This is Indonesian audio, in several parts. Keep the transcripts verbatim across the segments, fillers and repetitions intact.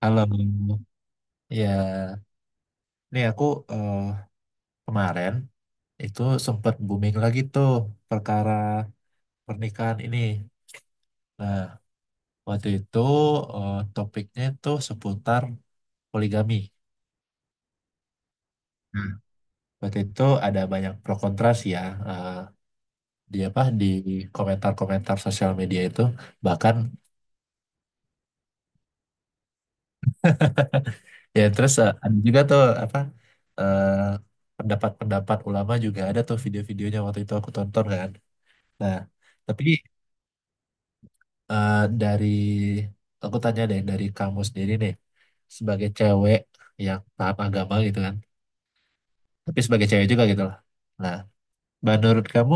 Halo, ya, nih aku eh, kemarin itu sempat booming lagi tuh perkara pernikahan ini. Nah, waktu itu eh, topiknya itu seputar poligami. Nah, waktu itu ada banyak pro kontra sih ya. eh, di apa di komentar-komentar sosial media itu bahkan ya terus eh, ada juga tuh apa eh, pendapat-pendapat ulama juga ada tuh video-videonya waktu itu aku tonton kan. Nah, tapi Eh, dari aku tanya deh dari kamu sendiri nih sebagai cewek yang paham agama gitu kan, tapi sebagai cewek juga gitu lah. Nah, menurut kamu,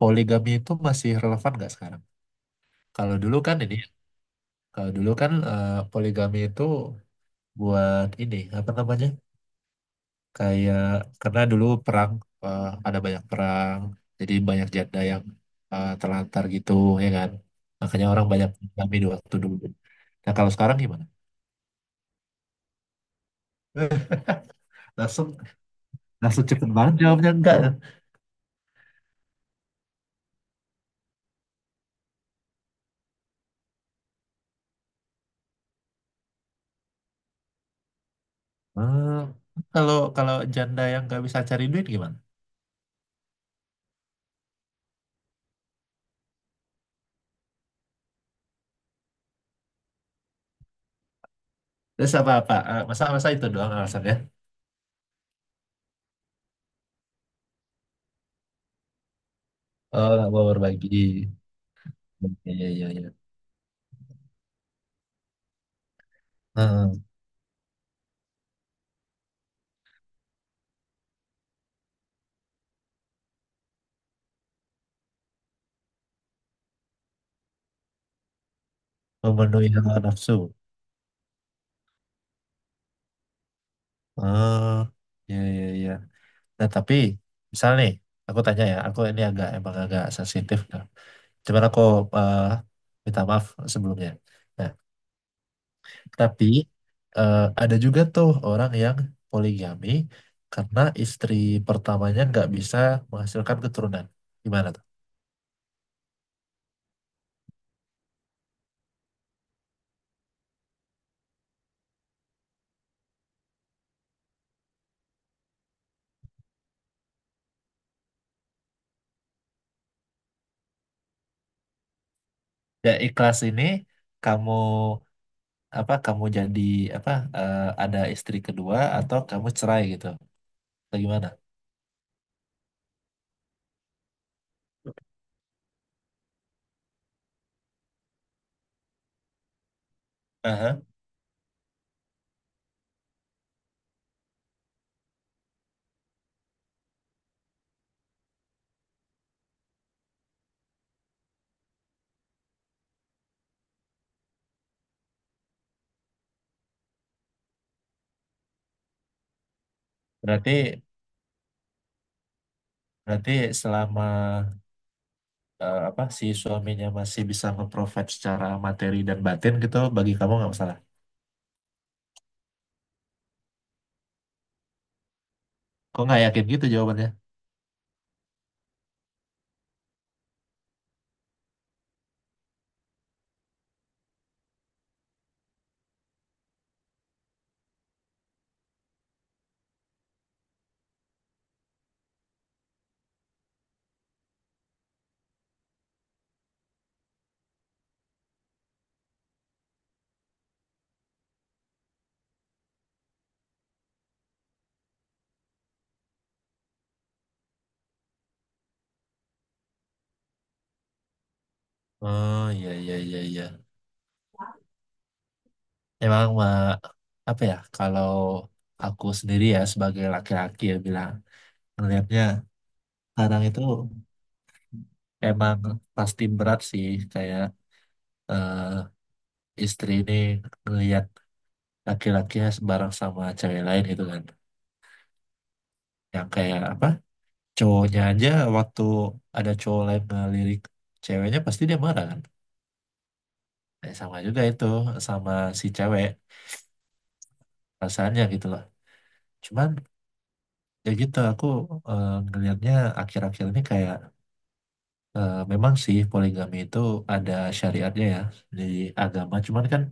poligami itu masih relevan nggak sekarang? kalau dulu kan ini Kalau dulu kan eh, poligami itu buat ini, apa namanya, kayak karena dulu perang, eh, ada banyak perang, jadi banyak janda yang eh, terlantar gitu, ya kan, makanya orang banyak poligami di waktu dulu. Nah, kalau sekarang gimana? langsung. Langsung cepet banget jawabnya enggak, ya. Eh, Kalau kalau janda yang nggak bisa cari duit gimana? Terus apa apa? Eh, Masa masa itu doang alasannya? Oh, nggak mau berbagi. Ya ya ya ya. Eh, memenuhi hawa nafsu. Oh, ya ya ya. Nah tapi, misal nih, aku tanya ya, aku ini agak emang agak sensitif. Nah. Cuman aku eh, minta maaf sebelumnya. Nah, tapi eh, ada juga tuh orang yang poligami karena istri pertamanya nggak bisa menghasilkan keturunan. Gimana tuh? Ya ikhlas ini kamu, apa, kamu jadi apa, eh, ada istri kedua atau kamu cerai gitu, atau gimana? Aha. Berarti, berarti selama eh, apa si suaminya masih bisa nge-provide secara materi dan batin gitu, bagi kamu nggak masalah. Kok nggak yakin gitu jawabannya? Oh iya iya iya iya. Emang, eh, apa ya, kalau aku sendiri ya sebagai laki-laki ya bilang, melihatnya kadang itu emang pasti berat sih, kayak eh, istri ini ngelihat laki-lakinya sembarang sama cewek lain gitu kan, yang kayak apa, cowoknya aja waktu ada cowok lain ngelirik ceweknya pasti dia marah kan. Eh, sama juga itu, sama si cewek rasanya gitu loh. Cuman ya gitu, aku eh, ngelihatnya akhir-akhir ini kayak, eh, memang sih poligami itu ada syariatnya ya di agama, cuman kan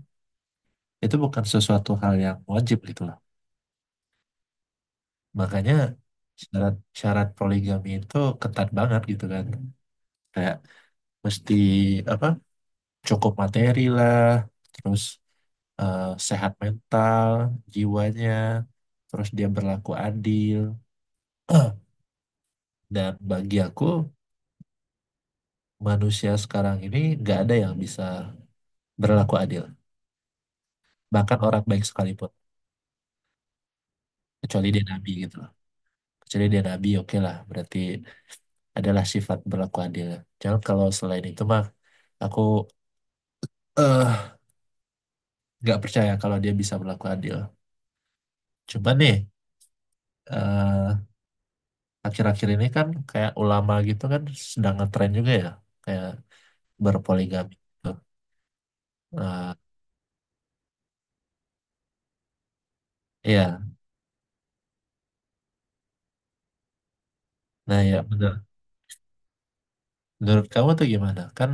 itu bukan sesuatu hal yang wajib gitu lah. Makanya syarat syarat poligami itu ketat banget gitu kan. Kayak mesti apa, cukup materi lah, terus eh, sehat mental, jiwanya, terus dia berlaku adil. Dan bagi aku, manusia sekarang ini nggak ada yang bisa berlaku adil, bahkan orang baik sekalipun, kecuali dia nabi gitu. Kecuali dia nabi, oke lah. Berarti adalah sifat berlaku adil. Jangan, kalau selain itu mah, aku eh nggak percaya kalau dia bisa berlaku adil. Coba nih, eh, akhir-akhir ini kan kayak ulama gitu kan sedang ngetren juga ya, kayak berpoligami. Gitu. Nah, iya, nah ya benar. Menurut kamu tuh gimana? Kan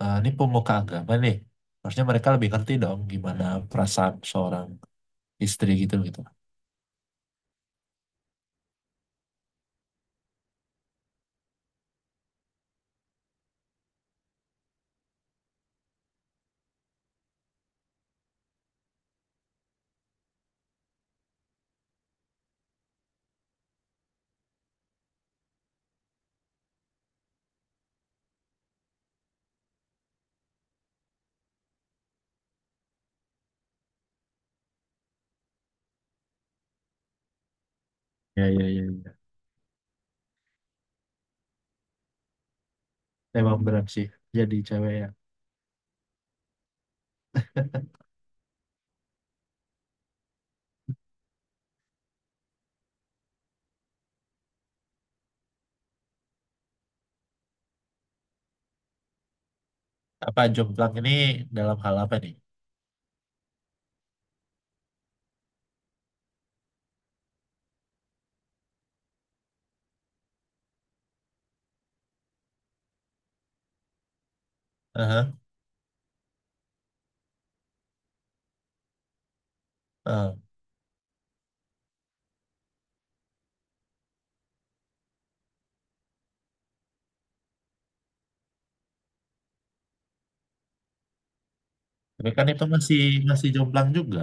eh, ini pemuka agama nih, harusnya mereka lebih ngerti dong gimana perasaan seorang istri gitu gitu. Ya, ya, ya, ya. Emang berat sih jadi cewek ya. Apa jomplang ini dalam hal apa nih? Aha, ah. Tapi kan itu masih, masih jomplang juga.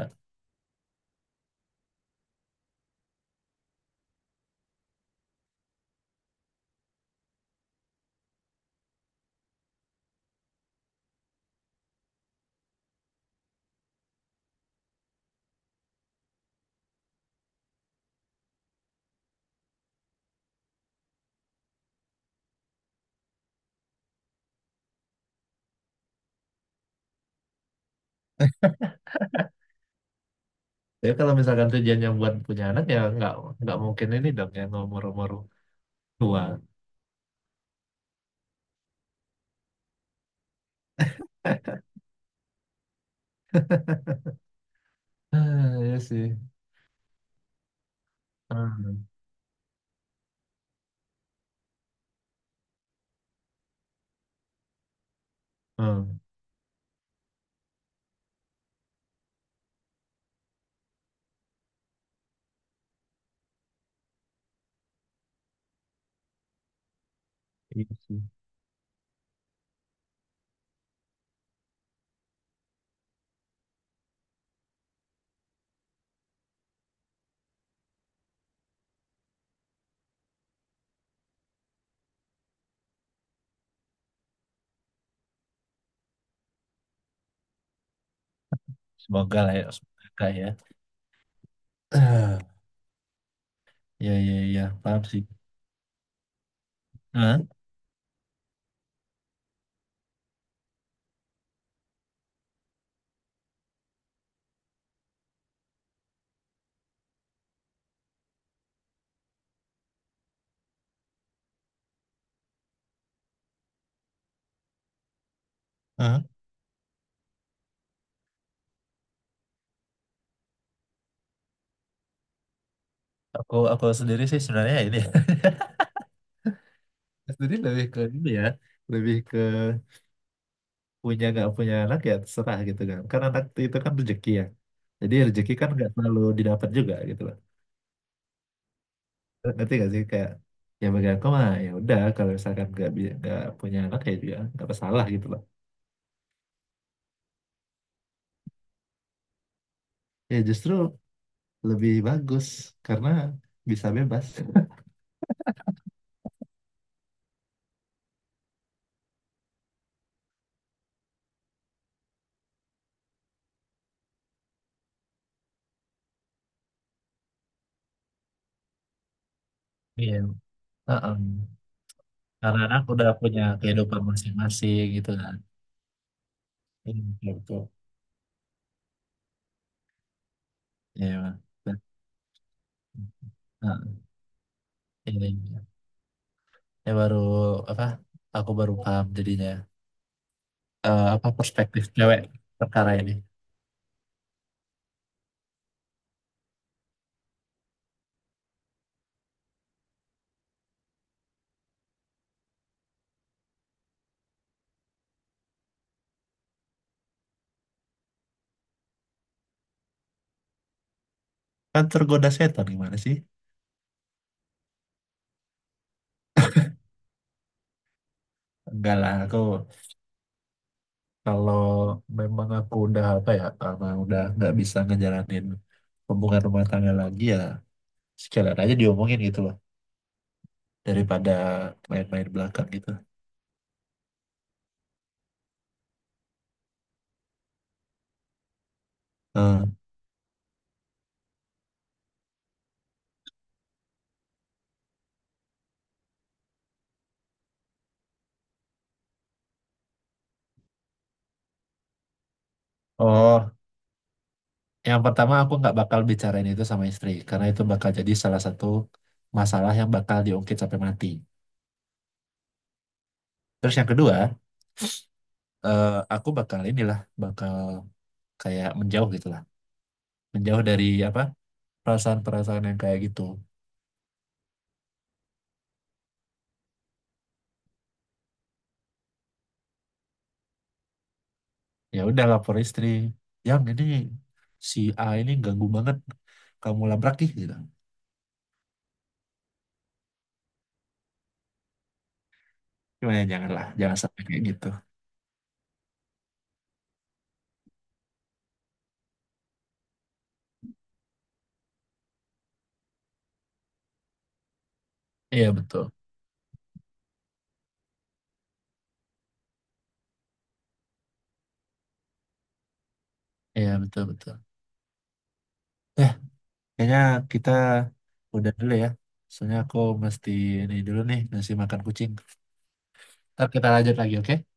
Jadi kalau misalkan tujuannya buat punya anak ya nggak nggak mungkin ini dong yang umur-umur tua. Ah, iya sih. Hmm. Hmm. Iya sih. Semoga lah ya, semoga ya. Ah, ya ya ya, paham sih. Hah? Hah? Aku aku sendiri sih sebenarnya ini. Sendiri lebih ke ini ya, lebih ke punya nggak punya anak ya terserah gitu kan, kan anak itu kan rezeki ya, jadi rezeki kan nggak selalu didapat juga gitu loh. Ngerti gak sih, kayak ya bagi aku mah ya udah kalau misalkan nggak bi- nggak punya anak ya juga nggak masalah gitu loh. Ya justru lebih bagus karena bisa bebas. Iya, heeh. Karena anak udah punya kehidupan masing-masing gitu kan. Iya, betul. Betul. Iya, Bang. Heeh, iya, iya. Ya baru apa? Aku baru paham jadinya. eh, apa perspektif cewek perkara ini? Kan tergoda setan gimana sih? Enggak lah, aku kalau memang aku udah apa ya, karena udah nggak bisa ngejalanin hubungan rumah tangga lagi ya, sekalian aja diomongin gitu loh, daripada main-main belakang gitu. Hmm. Oh, yang pertama aku nggak bakal bicarain itu sama istri, karena itu bakal jadi salah satu masalah yang bakal diungkit sampai mati. Terus yang kedua, eh, aku bakal inilah, bakal kayak menjauh gitu lah, menjauh dari apa? Perasaan-perasaan yang kayak gitu. Ya udah lapor istri, yang ini si A ini ganggu banget, kamu labrak ih gitu. Gimana ya, janganlah, jangan sampai kayak gitu. Iya betul. Iya betul betul. eh kayaknya kita udah dulu ya, soalnya aku mesti ini dulu nih ngasih makan kucing, ntar kita lanjut lagi, oke.